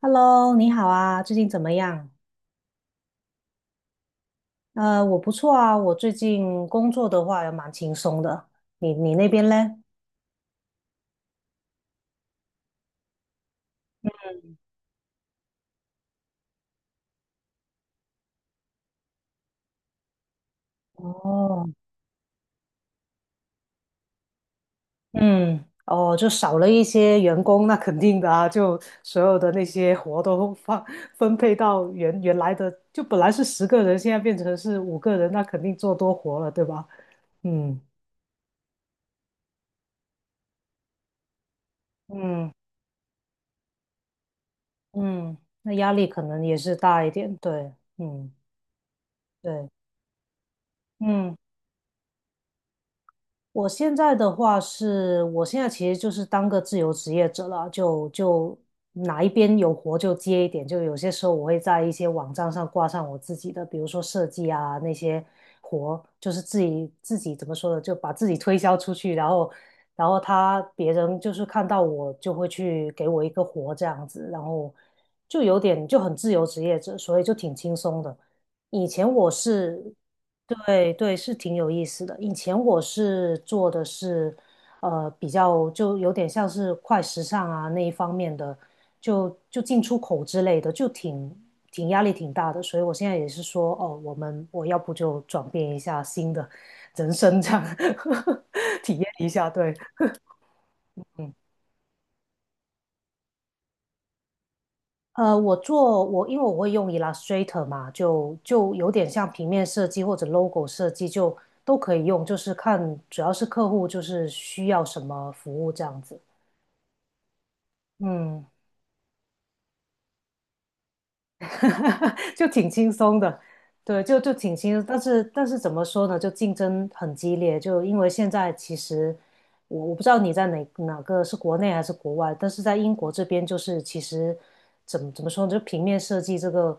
Hello，你好啊，最近怎么样？我不错啊，我最近工作的话也蛮轻松的。你那边嘞？哦，嗯，哦，就少了一些员工，那肯定的啊，就所有的那些活都放分配到原来的，就本来是10个人，现在变成是5个人，那肯定做多活了，对吧？嗯嗯嗯，那压力可能也是大一点，对，嗯对。嗯。我现在的话是，我现在其实就是当个自由职业者了，就哪一边有活就接一点，就有些时候我会在一些网站上挂上我自己的，比如说设计啊那些活，就是自己怎么说呢，就把自己推销出去，然后他别人就是看到我就会去给我一个活这样子，然后就有点就很自由职业者，所以就挺轻松的。以前我是，对对，是挺有意思的。以前我是做的是，比较就有点像是快时尚啊那一方面的，就进出口之类的，就挺压力挺大的。所以我现在也是说，哦，我要不就转变一下新的 人生这样，体验一下，对。嗯。我因为我会用 Illustrator 嘛，就有点像平面设计或者 logo 设计，就都可以用，就是看主要是客户就是需要什么服务这样子。嗯。就挺轻松的，对，就挺轻松。但是怎么说呢，就竞争很激烈，就因为现在其实我不知道你在哪个是国内还是国外，但是在英国这边就是其实怎么说呢，就平面设计这个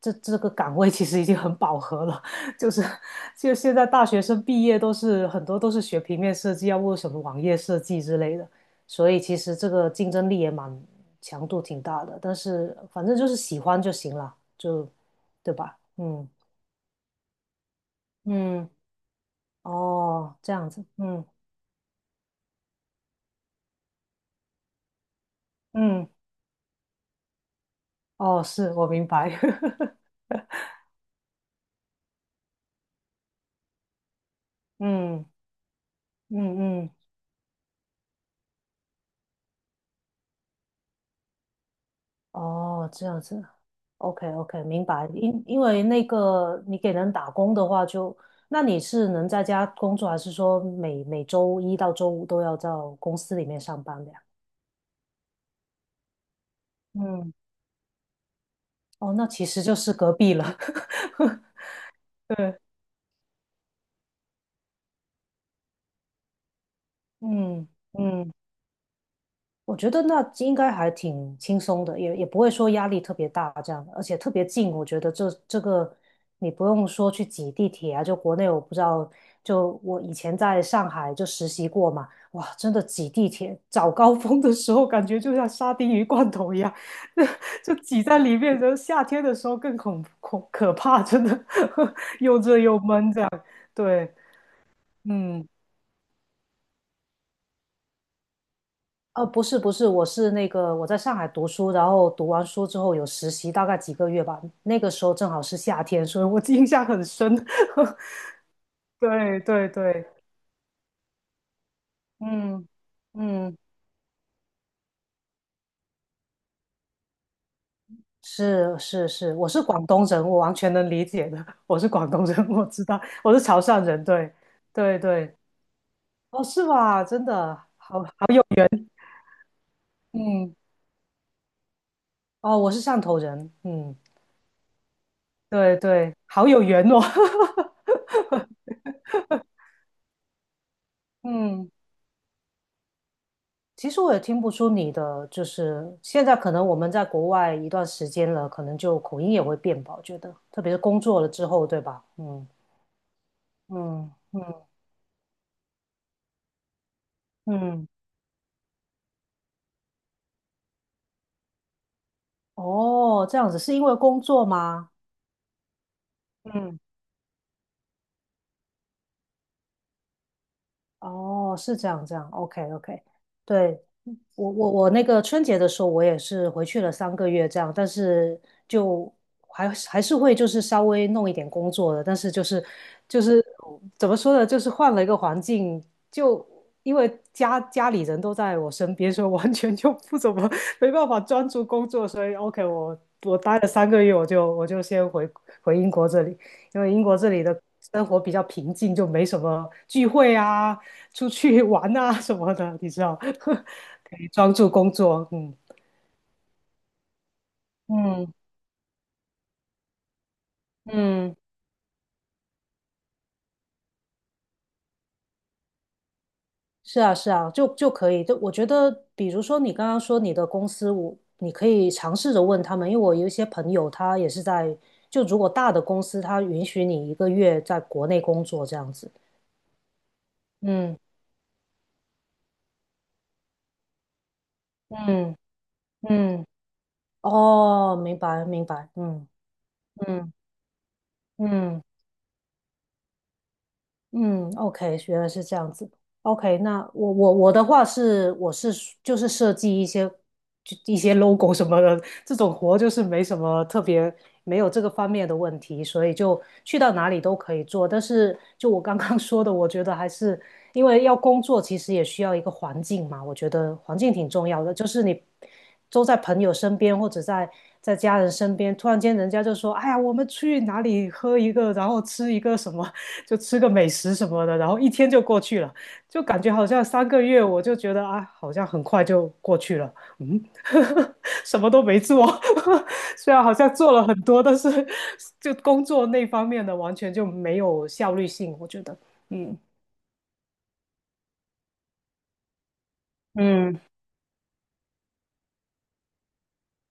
这这个岗位其实已经很饱和了，就是就现在大学生毕业都是很多都是学平面设计，要不什么网页设计之类的。所以其实这个竞争力也蛮强度挺大的，但是反正就是喜欢就行了，就对吧？嗯嗯，哦，这样子，嗯嗯，哦，是我明白，嗯嗯嗯，哦，这样子，OK OK，明白。因为那个你给人打工的话就，那你是能在家工作，还是说每周一到周五都要到公司里面上班的呀？嗯，哦，那其实就是隔壁了，对，嗯嗯。我觉得那应该还挺轻松的，也不会说压力特别大这样，而且特别近。我觉得这个你不用说去挤地铁啊，就国内我不知道，就我以前在上海就实习过嘛，哇，真的挤地铁，早高峰的时候感觉就像沙丁鱼罐头一样，就挤在里面。然后夏天的时候更恐可怕，真的 又热又闷这样。对，嗯。不是不是，我是那个我在上海读书，然后读完书之后有实习，大概几个月吧。那个时候正好是夏天，所以我 印象很深。对对对，嗯嗯，是是是，我是广东人，我完全能理解的。我是广东人，我知道，我是潮汕人。对对对，哦，是吧？真的，好有，嗯，哦，我是汕头人，嗯，对对，好有缘哦，嗯。其实我也听不出你的，就是现在可能我们在国外一段时间了，可能就口音也会变吧，我觉得，特别是工作了之后，对吧？嗯嗯嗯嗯，哦，这样子是因为工作吗？嗯，哦，是这样这样，OK OK，对，我那个春节的时候，我也是回去了三个月这样，但是就还是会就是稍微弄一点工作的，但是就是怎么说呢，就是换了一个环境，就因为家里人都在我身边，所以完全就不怎么没办法专注工作，所以 OK，我待了三个月，我就先回英国这里，因为英国这里的生活比较平静，就没什么聚会啊。出去玩啊什么的，你知道，可以专注工作。嗯嗯嗯，是啊是啊，就可以。就我觉得，比如说你刚刚说你的公司，我你可以尝试着问他们，因为我有一些朋友他也是在，就如果大的公司，他允许你1个月在国内工作这样子。嗯嗯嗯，哦，明白明白，嗯嗯嗯。嗯，OK，原来是这样子。OK，那我的话是，我是就是设计一些就一些 logo 什么的，这种活就是没什么特别，没有这个方面的问题，所以就去到哪里都可以做。但是就我刚刚 说的，我觉得还是因为要工作，其实也需要一个环境嘛。我觉得环境挺重要的，就是你都在朋友身边或者在家人身边，突然间人家就说：“哎呀，我们去哪里喝一个，然后吃一个什么，就吃个美食什么的。”然后一天就过去了，就感觉好像三个月，我就觉得啊，好像很快就过去了。嗯，什么都没做，虽然好像做了很多，但是就工作那方面的完全就没有效率性，我觉得，嗯。嗯。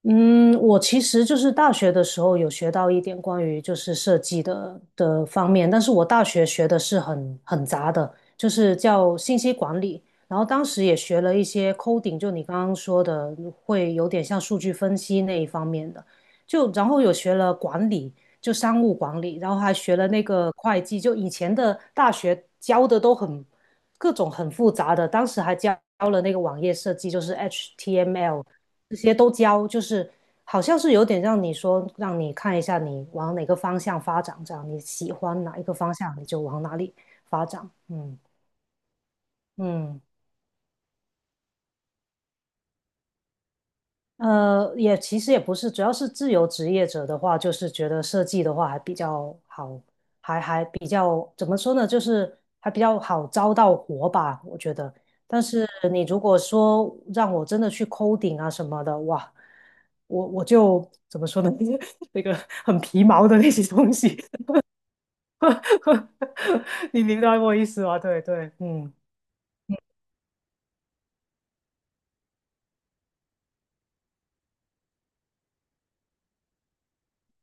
嗯，我其实就是大学的时候有学到一点关于就是设计的方面，但是我大学学的是很杂的，就是叫信息管理，然后当时也学了一些 coding，就你刚刚说的，会有点像数据分析那一方面的，就然后有学了管理，就商务管理，然后还学了那个会计，就以前的大学教的都很各种很复杂的，当时还教了那个网页设计，就是 HTML。这些都教，就是好像是有点让你说，让你看一下你往哪个方向发展，这样你喜欢哪一个方向，你就往哪里发展。嗯嗯。也其实也不是，主要是自由职业者的话，就是觉得设计的话还比较好，还比较怎么说呢，就是还比较好招到活吧，我觉得。但是你如果说让我真的去 c 顶啊什么的，哇，我就怎么说呢，那个很皮毛的那些东西，你明白我意思吗？对对，嗯。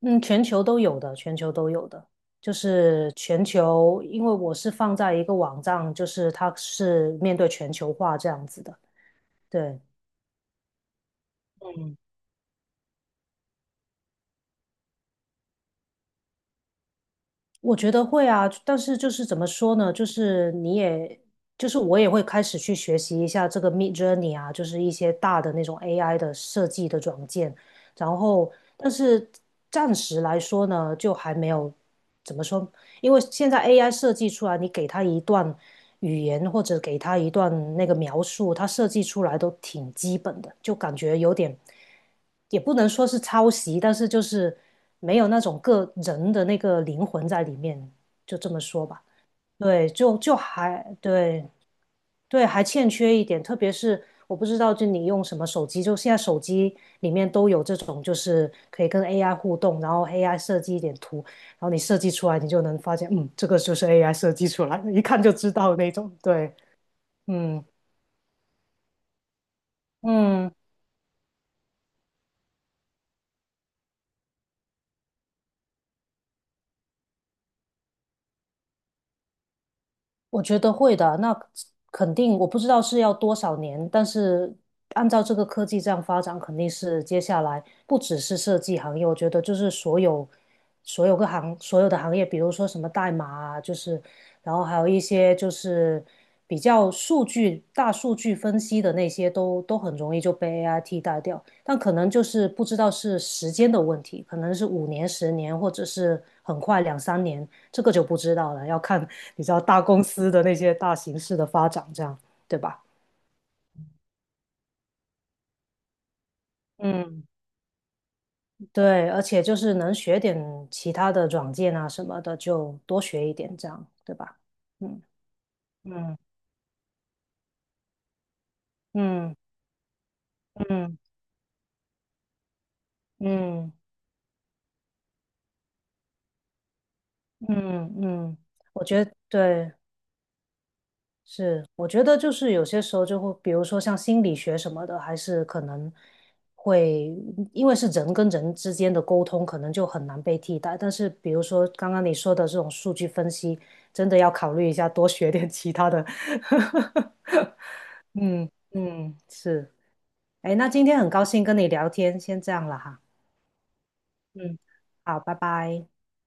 嗯，全球都有的，全球都有的，就是全球，因为我是放在一个网站，就是它是面对全球化这样子的。对，嗯，我觉得会啊，但是就是怎么说呢，就是你也，就是我也会开始去学习一下这个 Mid Journey 啊，就是一些大的那种 AI 的设计的软件，然后，但是暂时来说呢，就还没有怎么说。因为现在 AI 设计出来，你给它一段语言或者给他一段那个描述，他设计出来都挺基本的，就感觉有点，也不能说是抄袭，但是就是没有那种个人的那个灵魂在里面，就这么说吧。对，就还对对，还欠缺一点，特别是我不知道，就你用什么手机，就现在手机里面都有这种，就是可以跟 AI 互动，然后 AI 设计一点图，然后你设计出来，你就能发现，嗯，这个就是 AI 设计出来的，一看就知道那种。对，嗯嗯，我觉得会的。那肯定，我不知道是要多少年，但是按照这个科技这样发展，肯定是接下来不只是设计行业，我觉得就是所有的行业，比如说什么代码啊，就是然后还有一些就是比较数据大数据分析的那些都，都很容易就被 AI 替代掉。但可能就是不知道是时间的问题，可能是5年、10年，或者是很快两三年。这个就不知道了，要看你知道大公司的那些大形势的发展，这样对吧？嗯，对，而且就是能学点其他的软件啊什么的，就多学一点，这样对吧？嗯嗯嗯嗯嗯嗯嗯，我觉得对，是，我觉得就是有些时候就会，比如说像心理学什么的，还是可能会，因为是人跟人之间的沟通，可能就很难被替代。但是比如说刚刚你说的这种数据分析，真的要考虑一下，多学点其他的。嗯嗯，是。哎，那今天很高兴跟你聊天，先这样了哈。嗯，好，拜拜。